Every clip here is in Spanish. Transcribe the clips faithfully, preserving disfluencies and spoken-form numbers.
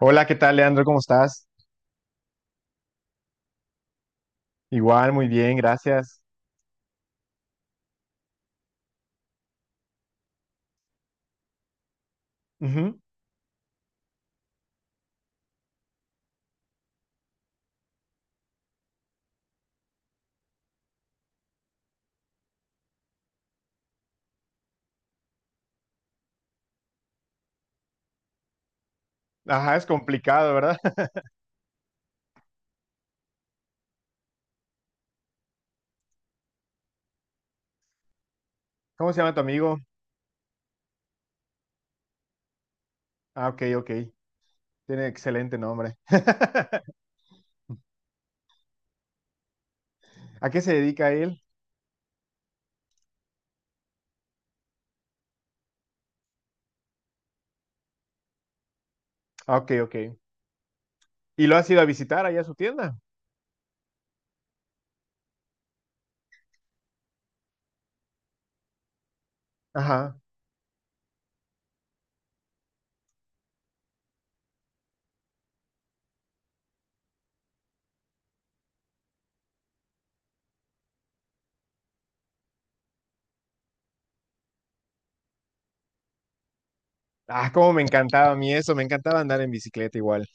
Hola, ¿qué tal, Leandro? ¿Cómo estás? Igual, muy bien, gracias. Ujú. Ajá, es complicado, ¿verdad? ¿Cómo se llama tu amigo? Ah, ok, ok. Tiene excelente nombre. ¿A qué se dedica él? Ah, ok, ok. ¿Y lo has ido a visitar allá a su tienda? Ajá. Ah, cómo me encantaba a mí eso, me encantaba andar en bicicleta igual.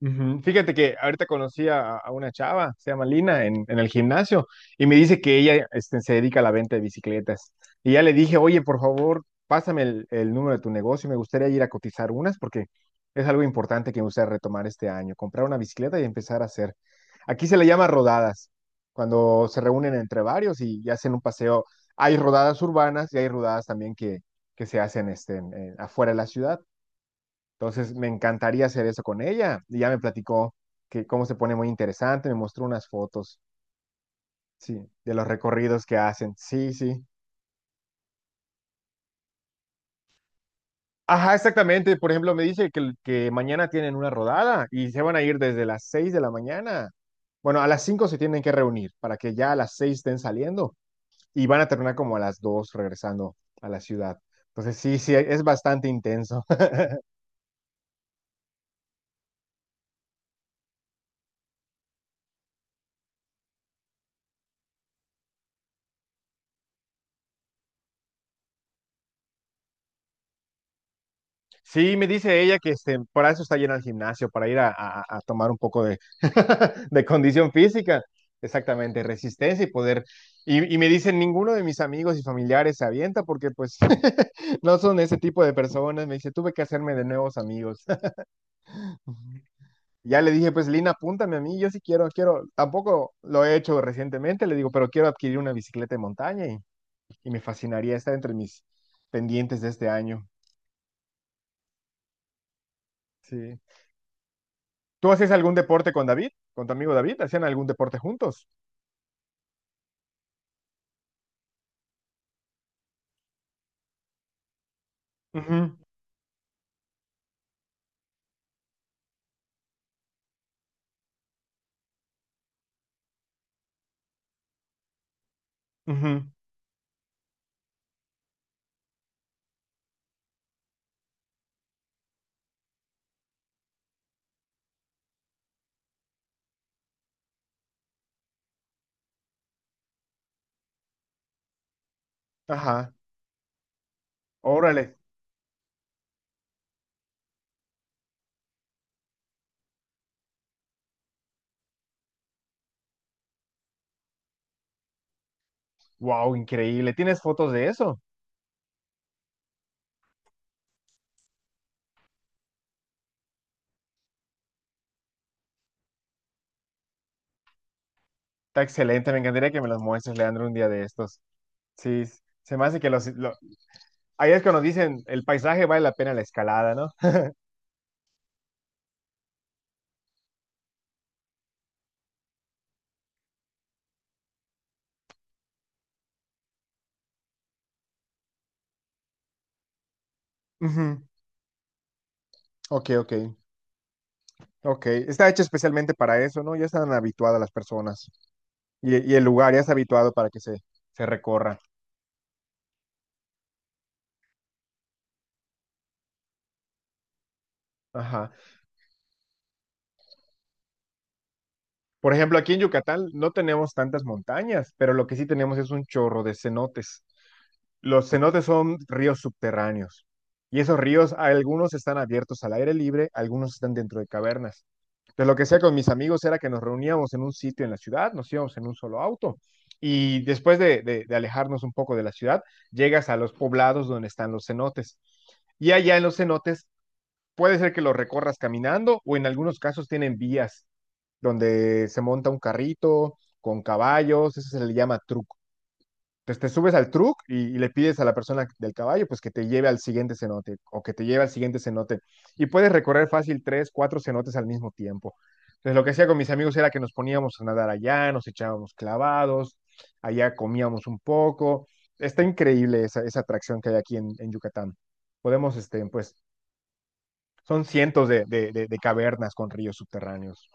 Ujú. Fíjate que ahorita conocí a, a una chava, se llama Lina, en, en el gimnasio, y me dice que ella este, se dedica a la venta de bicicletas. Y ya le dije, oye, por favor, pásame el, el número de tu negocio, me gustaría ir a cotizar unas, porque es algo importante que me gustaría retomar este año, comprar una bicicleta y empezar a hacer. Aquí se le llama rodadas, cuando se reúnen entre varios y, y hacen un paseo. Hay rodadas urbanas y hay rodadas también que, que se hacen este, en- en- afuera de la ciudad. Entonces, me encantaría hacer eso con ella. Y ya me platicó que cómo se pone muy interesante, me mostró unas fotos, sí, de los recorridos que hacen. Sí, sí. Ajá, exactamente. Por ejemplo, me dice que, que mañana tienen una rodada y se van a ir desde las seis de la mañana. Bueno, a las cinco se tienen que reunir para que ya a las seis estén saliendo y van a terminar como a las dos regresando a la ciudad. Entonces, sí, sí, es bastante intenso. Sí, me dice ella que este, para eso está llena el gimnasio, para ir a, a- a tomar un poco de, de condición física, exactamente, resistencia y poder. Y, y me dicen, ninguno de mis amigos y familiares se avienta, porque pues no son ese tipo de personas. Me dice, tuve que hacerme de nuevos amigos. Ya le dije, pues Lina, apúntame a mí, yo sí quiero, quiero, tampoco lo he hecho recientemente, le digo, pero quiero adquirir una bicicleta de montaña, y, y me fascinaría estar entre mis pendientes de este año. Sí. ¿Tú hacías algún deporte con David? ¿Con tu amigo David? ¿Hacían algún deporte juntos? Ujú, ujú. Ajá. Órale. Wow, increíble. ¿Tienes fotos de eso? Está excelente. Me encantaría que me las muestres, Leandro, un día de estos. Sí, s- se me hace que los... lo- ahí es cuando dicen, el paisaje vale la pena la escalada, ¿no? Ujú. Ok, ok. Ok. Está hecho especialmente para eso, ¿no? Ya están habituadas las personas. Y, y el lugar ya está habituado para que se, se recorra. Ajá. Por ejemplo, aquí en Yucatán no tenemos tantas montañas, pero lo que sí tenemos es un chorro de cenotes. Los cenotes son ríos subterráneos, y esos ríos, algunos están abiertos al aire libre, algunos están dentro de cavernas. Entonces, lo que hacía con mis amigos era que nos reuníamos en un sitio en la ciudad, nos íbamos en un solo auto y después de, de- de alejarnos un poco de la ciudad, llegas a los poblados donde están los cenotes. Y allá en los cenotes puede ser que los recorras caminando, o en algunos casos tienen vías donde se monta un carrito con caballos, eso se le llama truco. Entonces te subes al truck y, y le pides a la persona del caballo pues que te lleve al siguiente cenote o que te lleve al siguiente cenote, y puedes recorrer fácil tres, cuatro cenotes al mismo tiempo. Entonces lo que hacía con mis amigos era que nos poníamos a nadar allá, nos echábamos clavados, allá comíamos un poco. Está increíble esa, esa atracción que hay aquí en, en Yucatán. Podemos, este, pues, son cientos de, de, de, de cavernas con ríos subterráneos.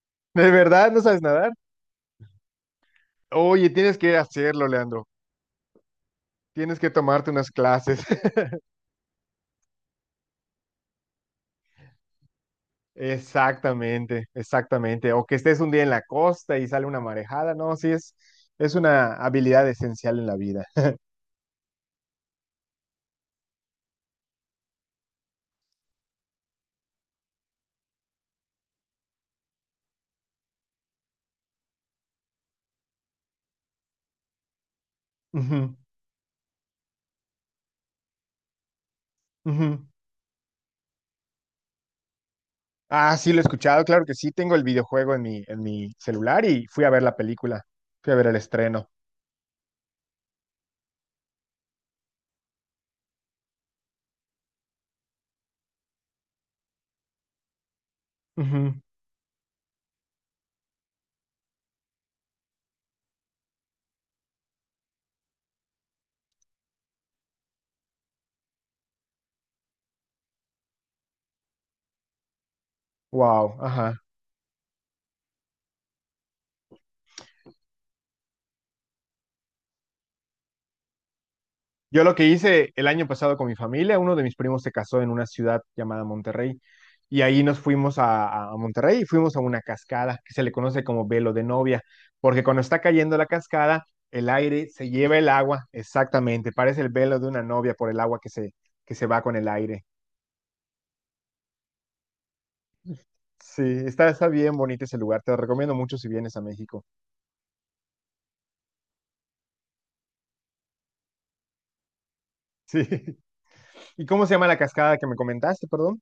¿De verdad no sabes nadar? Oye, tienes que hacerlo, Leandro. Tienes que tomarte unas clases. Exactamente, exactamente. O que estés un día en la costa y sale una marejada. No, sí, es, es una habilidad esencial en la vida. Ujú, ujú. Ah, sí, lo he escuchado. Claro que sí, tengo el videojuego en mi, en mi celular, y fui a ver la película. Fui a ver el estreno. Wow, ajá. Yo lo que hice el año pasado con mi familia, uno de mis primos se casó en una ciudad llamada Monterrey, y ahí nos fuimos a, a Monterrey y fuimos a una cascada que se le conoce como velo de novia, porque cuando está cayendo la cascada, el aire se lleva el agua, exactamente, parece el velo de una novia por el agua que se, que se va con el aire. Sí, está, está bien bonito ese lugar, te lo recomiendo mucho si vienes a México. Sí. ¿Y cómo se llama la cascada que me comentaste, perdón?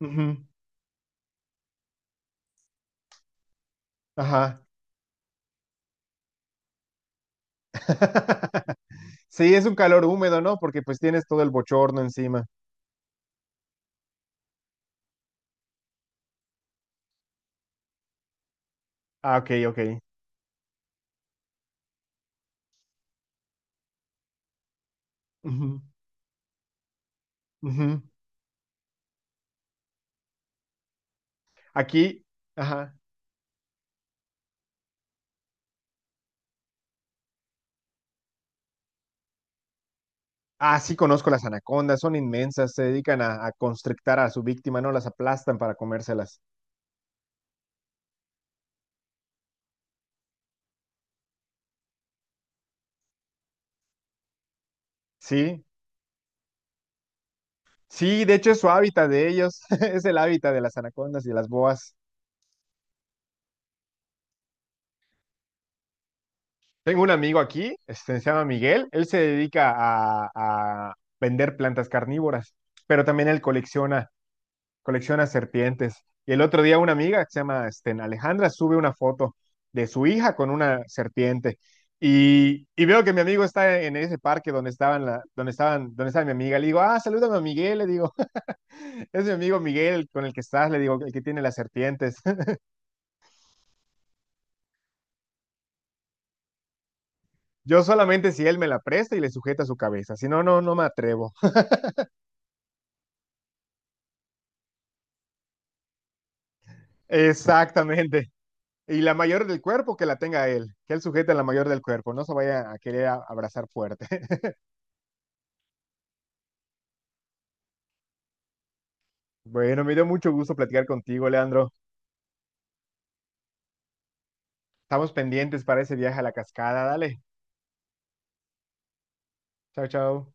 Ujú. Ajá. Sí, es un calor húmedo, ¿no? Porque pues tienes todo el bochorno encima. Ah, ok, ok. Ujú, ujú. Aquí, ajá. Ah, sí conozco las anacondas, son inmensas, se dedican a, a constrictar a su víctima, ¿no? Las aplastan para comérselas. Sí, sí, de hecho es su hábitat de ellos, es el hábitat de las anacondas y de las boas. Tengo un amigo aquí, este, se llama Miguel, él se dedica a, a vender plantas carnívoras, pero también él colecciona colecciona serpientes. Y el otro día una amiga que se llama este, Alejandra sube una foto de su hija con una serpiente. Y, y veo que mi amigo está en ese parque donde estaban la, donde estaban, donde estaba mi amiga. Le digo, ah, salúdame a Miguel, le digo, es mi amigo Miguel con el que estás, le digo, el que tiene las serpientes. Yo solamente si él me la presta y le sujeta su cabeza, si no, no, no me atrevo. Exactamente. Y la mayor del cuerpo que la tenga él, que él sujete la mayor del cuerpo, no se vaya a querer a- abrazar fuerte. Bueno, me dio mucho gusto platicar contigo, Leandro. Estamos pendientes para ese viaje a la cascada. Dale. Chao, chao.